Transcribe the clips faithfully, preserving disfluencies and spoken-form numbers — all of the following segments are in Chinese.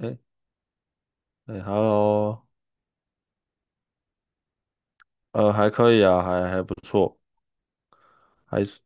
哎哎，Hello,呃，还可以啊，还还不错。还是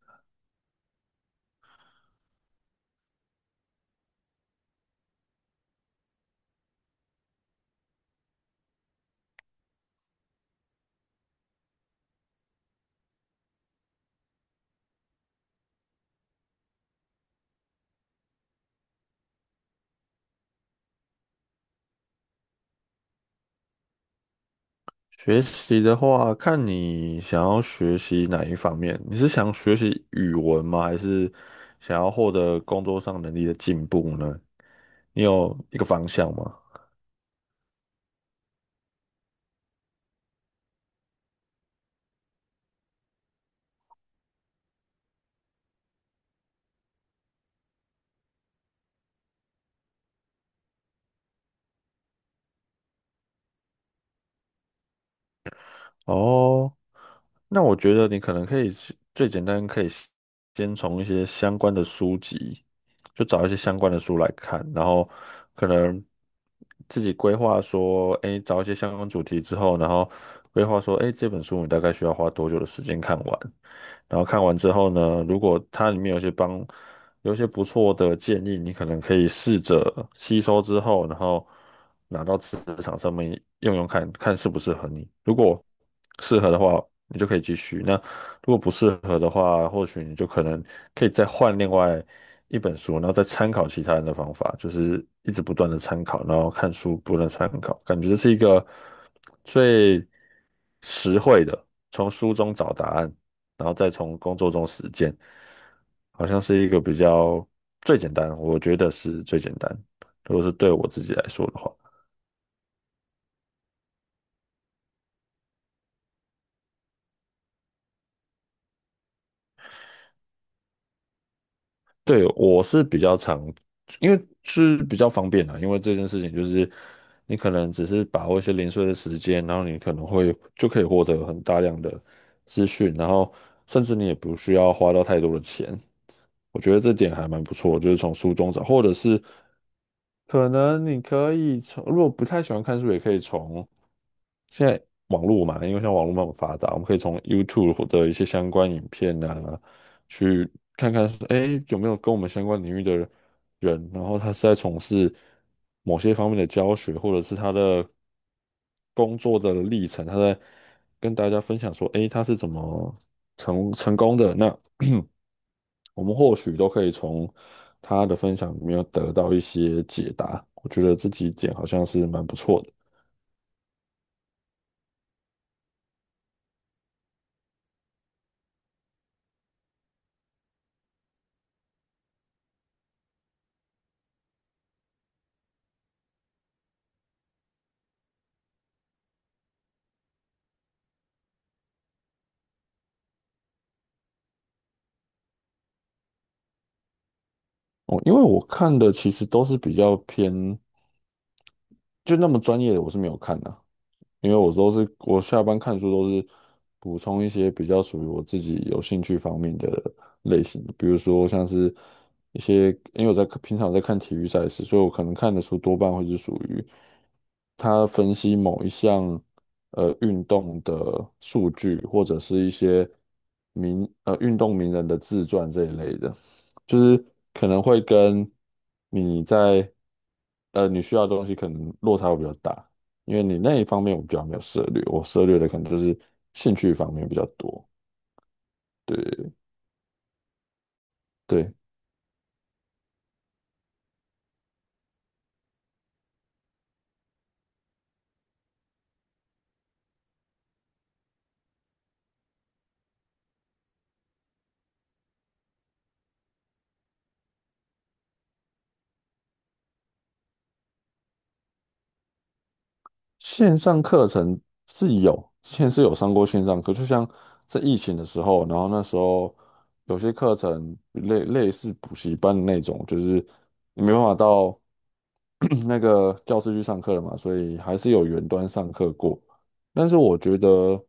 学习的话，看你想要学习哪一方面。你是想学习语文吗？还是想要获得工作上能力的进步呢？你有一个方向吗？哦。那我觉得你可能可以是最简单，可以先先从一些相关的书籍，就找一些相关的书来看，然后可能自己规划说，哎，找一些相关主题之后，然后规划说，哎，这本书你大概需要花多久的时间看完？然后看完之后呢，如果它里面有些帮有一些不错的建议，你可能可以试着吸收之后，然后拿到职场上面用用看，看适不适合你。如果适合的话，你就可以继续；那如果不适合的话，或许你就可能可以再换另外一本书，然后再参考其他人的方法，就是一直不断的参考，然后看书不断地参考，感觉这是一个。最实惠的，从书中找答案，然后再从工作中实践，好像是一个比较最简单，我觉得是最简单。如果是对我自己来说的话，对，我是比较常，因为是比较方便啊，因为这件事情就是你可能只是把握一些零碎的时间，然后你可能会就可以获得很大量的资讯，然后甚至你也不需要花到太多的钱。我觉得这点还蛮不错，就是从书中找，或者是可能你可以从，如果不太喜欢看书，也可以从现在网络嘛，因为像网络那么发达，我们可以从 YouTube 的一些相关影片啊，去看看说，哎，有没有跟我们相关领域的人，然后他是在从事某些方面的教学，或者是他的工作的历程，他在跟大家分享说，哎，他是怎么成成功的，那我们或许都可以从他的分享里面得到一些解答。我觉得这几点好像是蛮不错的哦，因为我看的其实都是比较偏，就那么专业的我是没有看的、因为我都是我下班看书都是补充一些比较属于我自己有兴趣方面的类型，比如说像是一些，因为我在平常有在看体育赛事，所以我可能看的书多半会是属于他分析某一项呃运动的数据，或者是一些名呃运动名人的自传这一类的。就是可能会跟你在呃你需要的东西可能落差会比较大，因为你那一方面我比较没有涉猎，我涉猎的可能就是兴趣方面比较多。对，线上课程是有，之前是有上过线上课，就像在疫情的时候，然后那时候有些课程类类似补习班的那种，就是你没办法到 那个教室去上课了嘛，所以还是有远端上课过。但是我觉得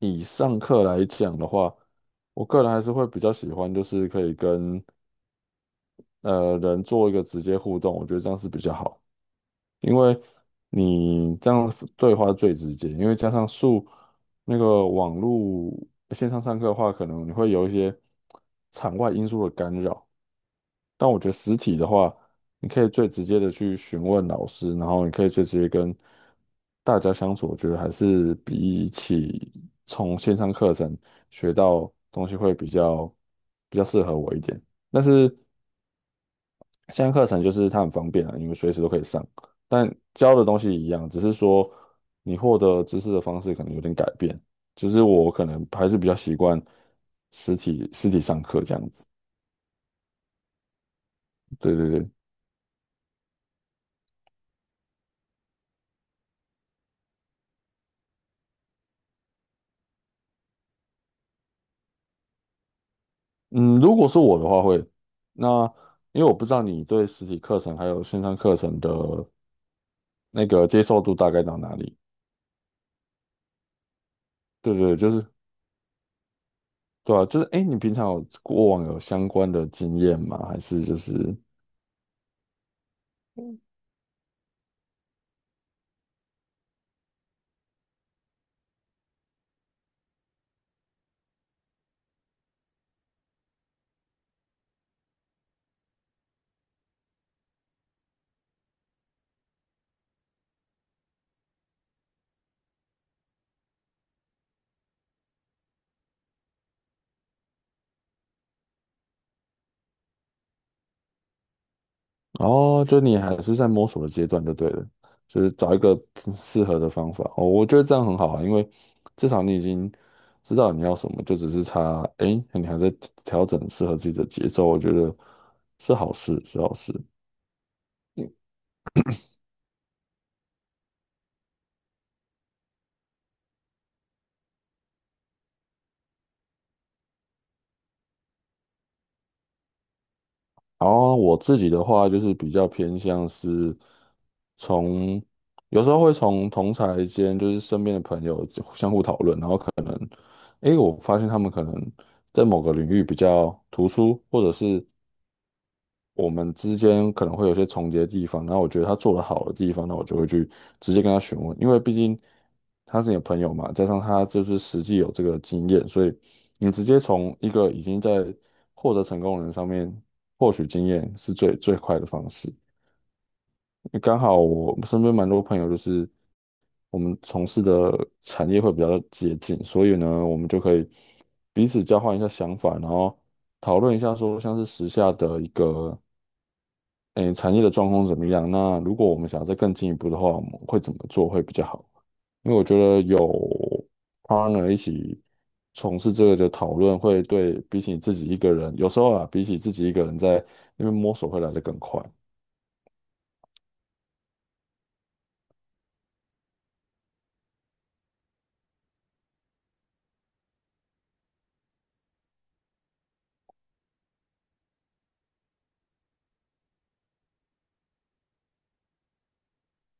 以上课来讲的话，我个人还是会比较喜欢，就是可以跟呃人做一个直接互动，我觉得这样是比较好，因为你这样对话最直接，因为加上数那个网络线上上课的话，可能你会有一些场外因素的干扰，但我觉得实体的话，你可以最直接的去询问老师，然后你可以最直接跟大家相处，我觉得还是比起从线上课程学到东西会比较比较适合我一点。但是现在课程就是它很方便啊，你们随时都可以上，但教的东西一样，只是说你获得知识的方式可能有点改变。就是我可能还是比较习惯实体实体上课这样子。对对对，嗯，如果是我的话会，那因为我不知道你对实体课程还有线上课程的那个接受度大概到哪里。对对，对就是对啊，就是哎，诶你平常有过往有相关的经验吗？还是就是？哦，就你还是在摸索的阶段就对了，就是找一个适合的方法。哦，我觉得这样很好啊，因为至少你已经知道你要什么，就只是差，诶，你还在调整适合自己的节奏，我觉得是好事，是好事。嗯然后我自己的话就是比较偏向是从，有时候会从同才间，就是身边的朋友相互讨论，然后可能，诶，我发现他们可能在某个领域比较突出，或者是我们之间可能会有些重叠的地方，然后我觉得他做得好的地方，那我就会去直接跟他询问，因为毕竟他是你的朋友嘛，加上他就是实际有这个经验，所以你直接从一个已经在获得成功的人上面获取经验是最最快的方式。刚好我身边蛮多朋友，就是我们从事的产业会比较接近，所以呢，我们就可以彼此交换一下想法，然后讨论一下说像是时下的一个。诶，产业的状况怎么样？那如果我们想要再更进一步的话，我们会怎么做会比较好？因为我觉得有 partner 一起从事这个的讨论，会对比起自己一个人，有时候啊，比起自己一个人在那边摸索会来得更快。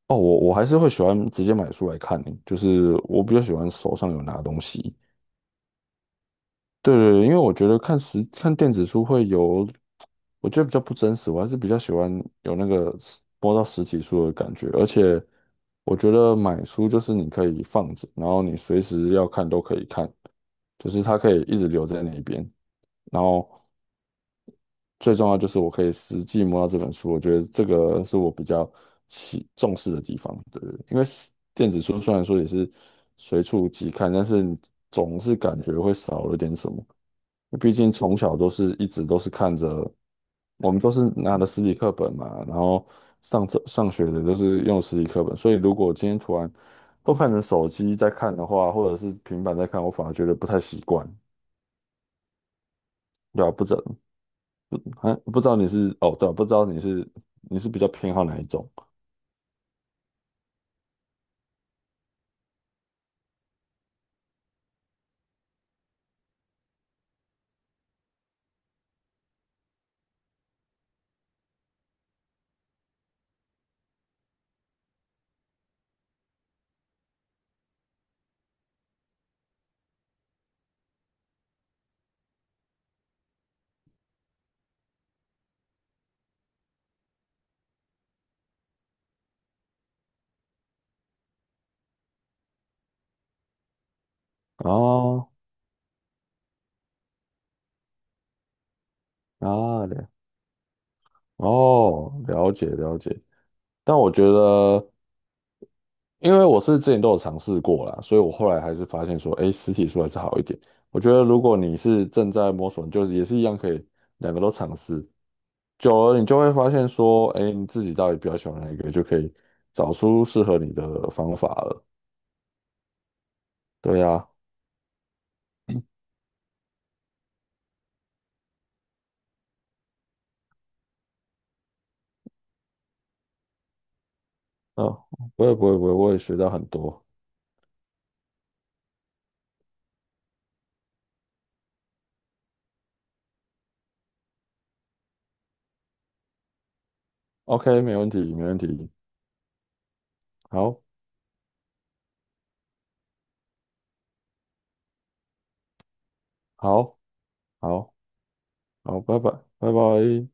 哦，我我还是会喜欢直接买书来看，就是我比较喜欢手上有拿东西。对对对，因为我觉得看实看电子书会有，我觉得比较不真实，我还是比较喜欢有那个实摸到实体书的感觉，而且我觉得买书就是你可以放着，然后你随时要看都可以看，就是它可以一直留在那边，然后最重要就是我可以实际摸到这本书，我觉得这个是我比较喜重视的地方，对对，对因为是电子书虽然说也是随处即看，但是总是感觉会少了点什么。毕竟从小都是一直都是看着，我们都是拿的实体课本嘛，然后上着上学的都是用实体课本，所以如果今天突然都看成手机在看的话，或者是平板在看，我反而觉得不太习惯，对啊，不知道，啊，不知道你是哦，对啊不知道你是你是比较偏好哪一种哦啊了哦，了解了解，但我觉得。因为我是之前都有尝试过啦，所以我后来还是发现说，哎，实体书还是好一点。我觉得如果你是正在摸索，你就是也是一样可以两个都尝试，久了你就会发现说，哎，你自己到底比较喜欢哪一个，就可以找出适合你的方法了。对呀，嗯，不会不会不会，我也学到很多。OK,没问题没问题，好，好，好，好，拜拜，拜拜。